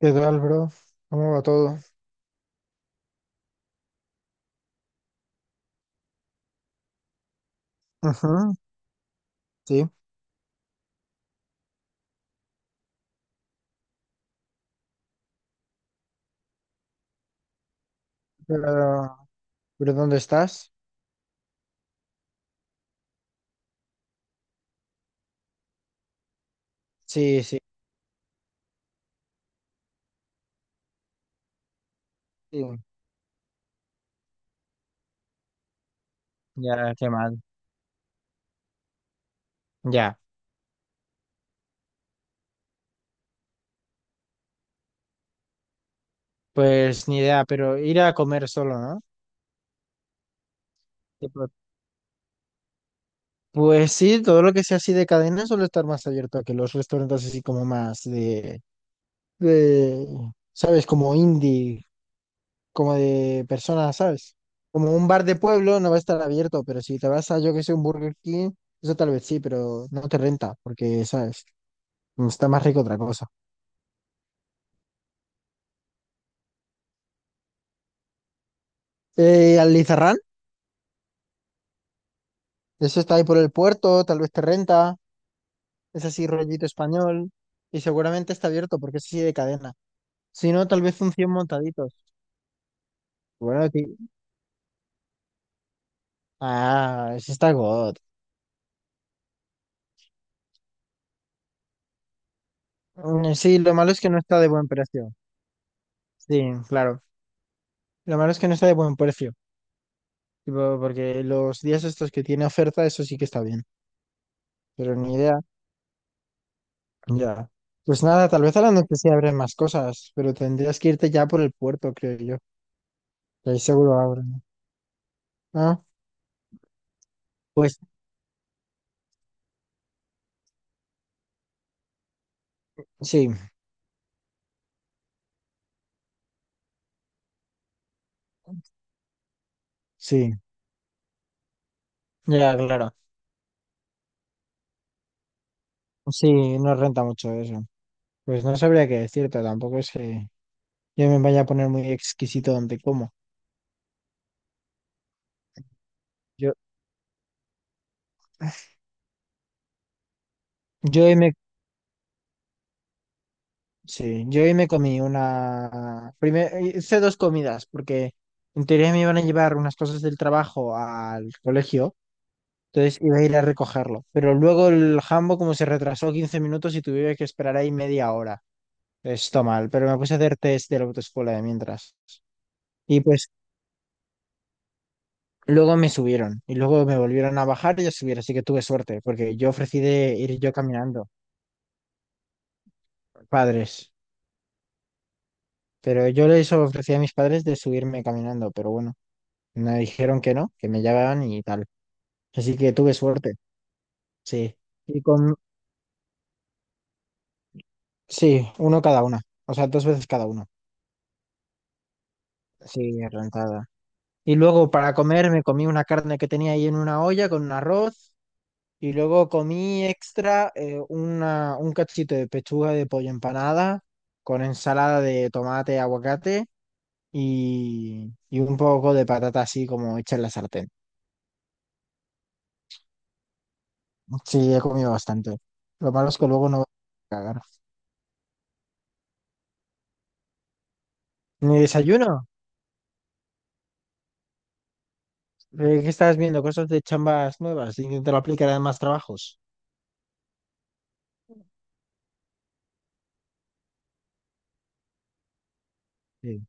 ¿Qué tal, bro? ¿Cómo va todo? Ujú, sí. Pero, ¿Pero dónde estás? Sí, sí, sí. Ya, qué mal. Ya, pues ni idea, pero ir a comer solo, ¿no? Tipo, pues sí, todo lo que sea así de cadena suele estar más abierto a que los restaurantes así como más de, ¿sabes? Como indie, como de personas, ¿sabes? Como un bar de pueblo no va a estar abierto, pero si te vas a, yo que sé, un Burger King, eso tal vez sí, pero no te renta, porque, ¿sabes? Está más rico otra cosa. Alizarrán, eso está ahí por el puerto, tal vez te renta, es así rollito español, y seguramente está abierto porque es así de cadena. Si no, tal vez un 100 montaditos. Bueno, ti- Ah, ese está God. Sí, lo malo es que no está de buen precio. Sí, claro. Lo malo es que no está de buen precio. Tipo, porque los días estos que tiene oferta, eso sí que está bien. Pero ni idea. Ya. Pues nada, tal vez a la noche sí abren más cosas, pero tendrías que irte ya por el puerto, creo yo. Que ahí seguro abren. Ah, pues sí. Sí, ya, claro. Sí, no renta mucho eso. Pues no sabría qué decirte, tampoco es que yo me vaya a poner muy exquisito donde como. Yo, yo hoy me, sí, yo hoy me comí una, primer, hice dos comidas, porque en teoría me iban a llevar unas cosas del trabajo al colegio, entonces iba a ir a recogerlo. Pero luego el jambo como se retrasó 15 minutos y tuve que esperar ahí media hora. Esto mal, pero me puse a hacer test de la autoescuela de mientras. Y pues Luego me subieron y luego me volvieron a bajar y a subir, así que tuve suerte, porque yo ofrecí de ir yo caminando. Padres, pero yo les ofrecí a mis padres de subirme caminando, pero bueno, me dijeron que no, que me llevaban y tal. Así que tuve suerte, sí. Y con, sí, uno cada una, o sea, dos veces cada uno, sí, rentada. Y luego para comer me comí una carne que tenía ahí en una olla con un arroz. Y luego comí extra un cachito de pechuga de pollo empanada con ensalada de tomate, aguacate y un poco de patata así como hecha en la sartén. Sí, he comido bastante. Lo malo es que luego no voy a cagar. Mi desayuno. ¿Qué estás viendo? Cosas de chambas nuevas. Intentar aplicar a más trabajos. Sí.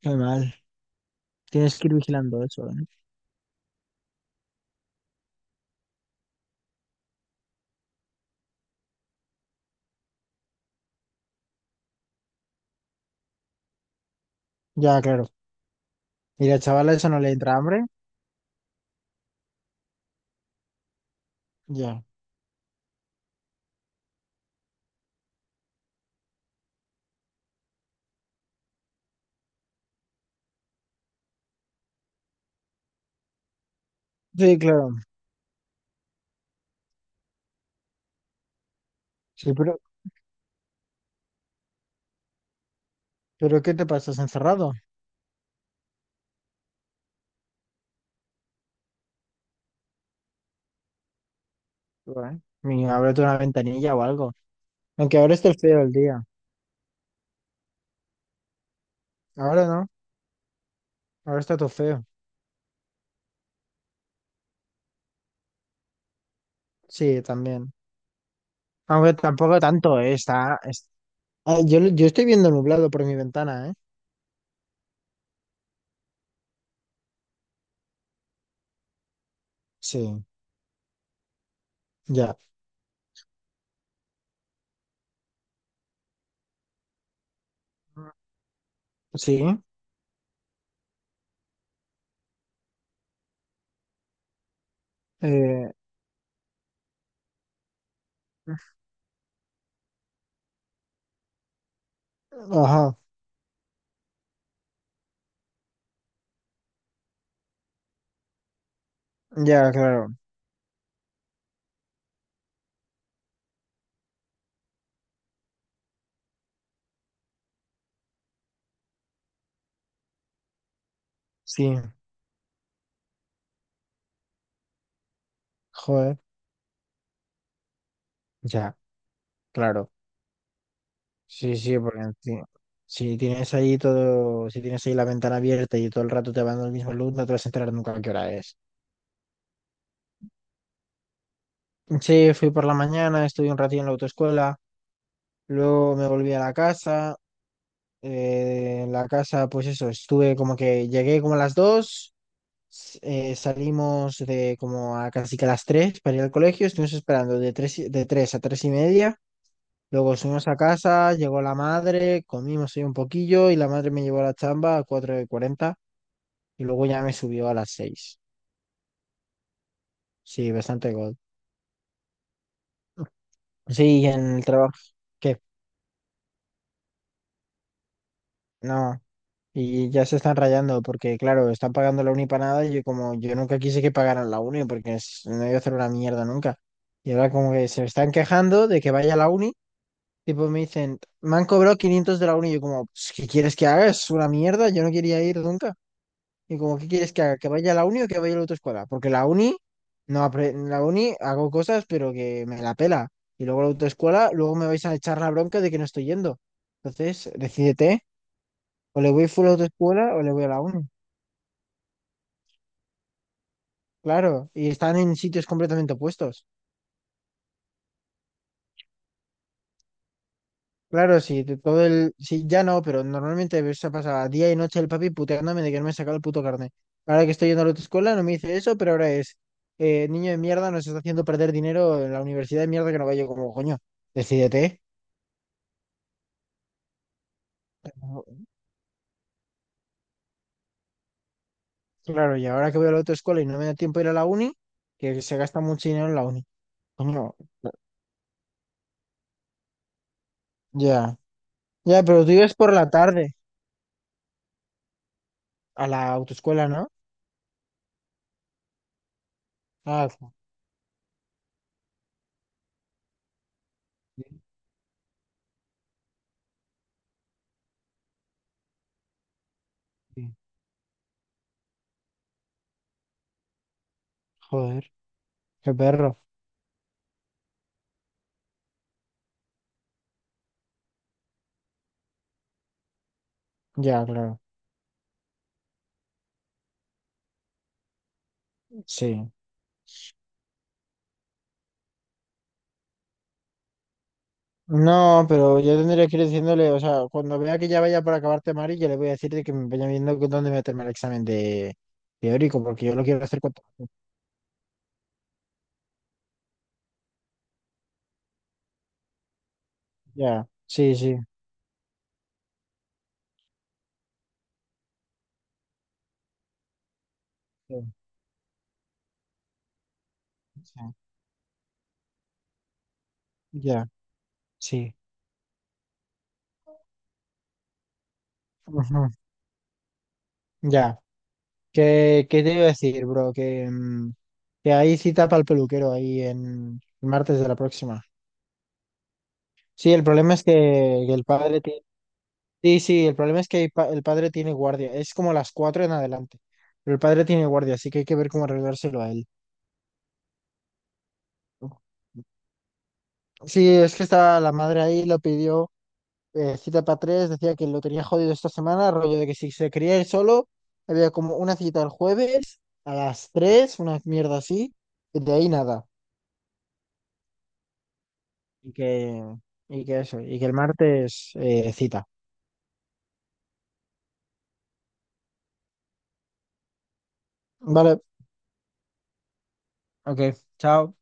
Qué mal. Tienes que ir vigilando eso, ¿eh? Ya, claro. Y la ¿a eso no le entra hambre? Ya. Sí, claro. Sí, pero, ¿pero qué te pasas encerrado? Bueno, ni ábrete una ventanilla o algo. Aunque ahora esté feo el día. Ahora no, ahora está todo feo. Sí, también. Aunque tampoco tanto, ah, yo estoy viendo nublado por mi ventana, ¿eh? Sí, ya. Sí. Eh, ajá, ya, claro. Sí, joder. Ya, claro. Sí, sí, porque en- si tienes ahí todo, si tienes ahí la ventana abierta y todo el rato te va dando el mismo luz, no te vas a enterar nunca a qué hora es. Sí, fui por la mañana, estuve un ratito en la autoescuela. Luego me volví a la casa. En la casa, pues eso, estuve como que llegué como a las dos, salimos de como a casi que a las 3 para ir al colegio, estuvimos esperando de de 3 a 3 y media. Luego subimos a casa, llegó la madre, comimos ahí un poquillo y la madre me llevó a la chamba a 4 de 40 y luego ya me subió a las seis. Sí, bastante gol. Sí, y en el trabajo. ¿Qué? No. Y ya se están rayando porque, claro, están pagando la uni para nada y yo como yo nunca quise que pagaran la uni no iba a hacer una mierda nunca. Y ahora como que se están quejando de que vaya a la uni, tipo me dicen, me han cobrado 500 de la uni y yo como, "Pues, ¿qué quieres que haga? Es una mierda, yo no quería ir nunca. Y como, ¿qué quieres que haga? ¿Que vaya a la uni o que vaya a la otra escuela? Porque la uni, no apre- la uni hago cosas pero que me la pela. Y luego la autoescuela, luego me vais a echar la bronca de que no estoy yendo. Entonces, decídete, o le voy full a la autoescuela o le voy a la uni. Claro, y están en sitios completamente opuestos. Claro, sí, de todo el... Sí, ya no, pero normalmente se pasaba día y noche el papi puteándome de que no me sacaba el puto carnet. Ahora que estoy yendo a la autoescuela no me dice eso, pero ahora es... niño de mierda nos está haciendo perder dinero en la universidad de mierda que no vaya como coño. Decídete. Claro, y ahora que voy a la autoescuela y no me da tiempo de ir a la uni, que se gasta mucho dinero en la uni. Coño, ya. Ya, pero tú ibas por la tarde a la autoescuela, ¿no? Ah, sí, sí. Joder, qué perro. Ya, claro. Sí. No, pero yo tendría que ir diciéndole, o sea, cuando vea que ya vaya por acabarte, Mari, yo le voy a decir de que me vaya viendo con dónde meterme el examen de teórico, porque yo lo quiero hacer cuanto antes. Ya, sí, sí, sí, sí, ya, sí. Ujú, ya. Qué te iba a decir, bro? Que, que hay cita para el peluquero ahí en el martes de la próxima. Sí, el problema es que el padre tiene. Sí, sí, el problema es que el padre tiene guardia, es como las cuatro en adelante, pero el padre tiene guardia, así que hay que ver cómo arreglárselo a él. Sí, es que estaba la madre ahí, lo pidió cita para tres, decía que lo tenía jodido esta semana, rollo de que si se quería ir solo, había como una cita el jueves a las tres, una mierda así, y de ahí nada. Y que, y que eso, y que el martes cita. Vale, ok, chao.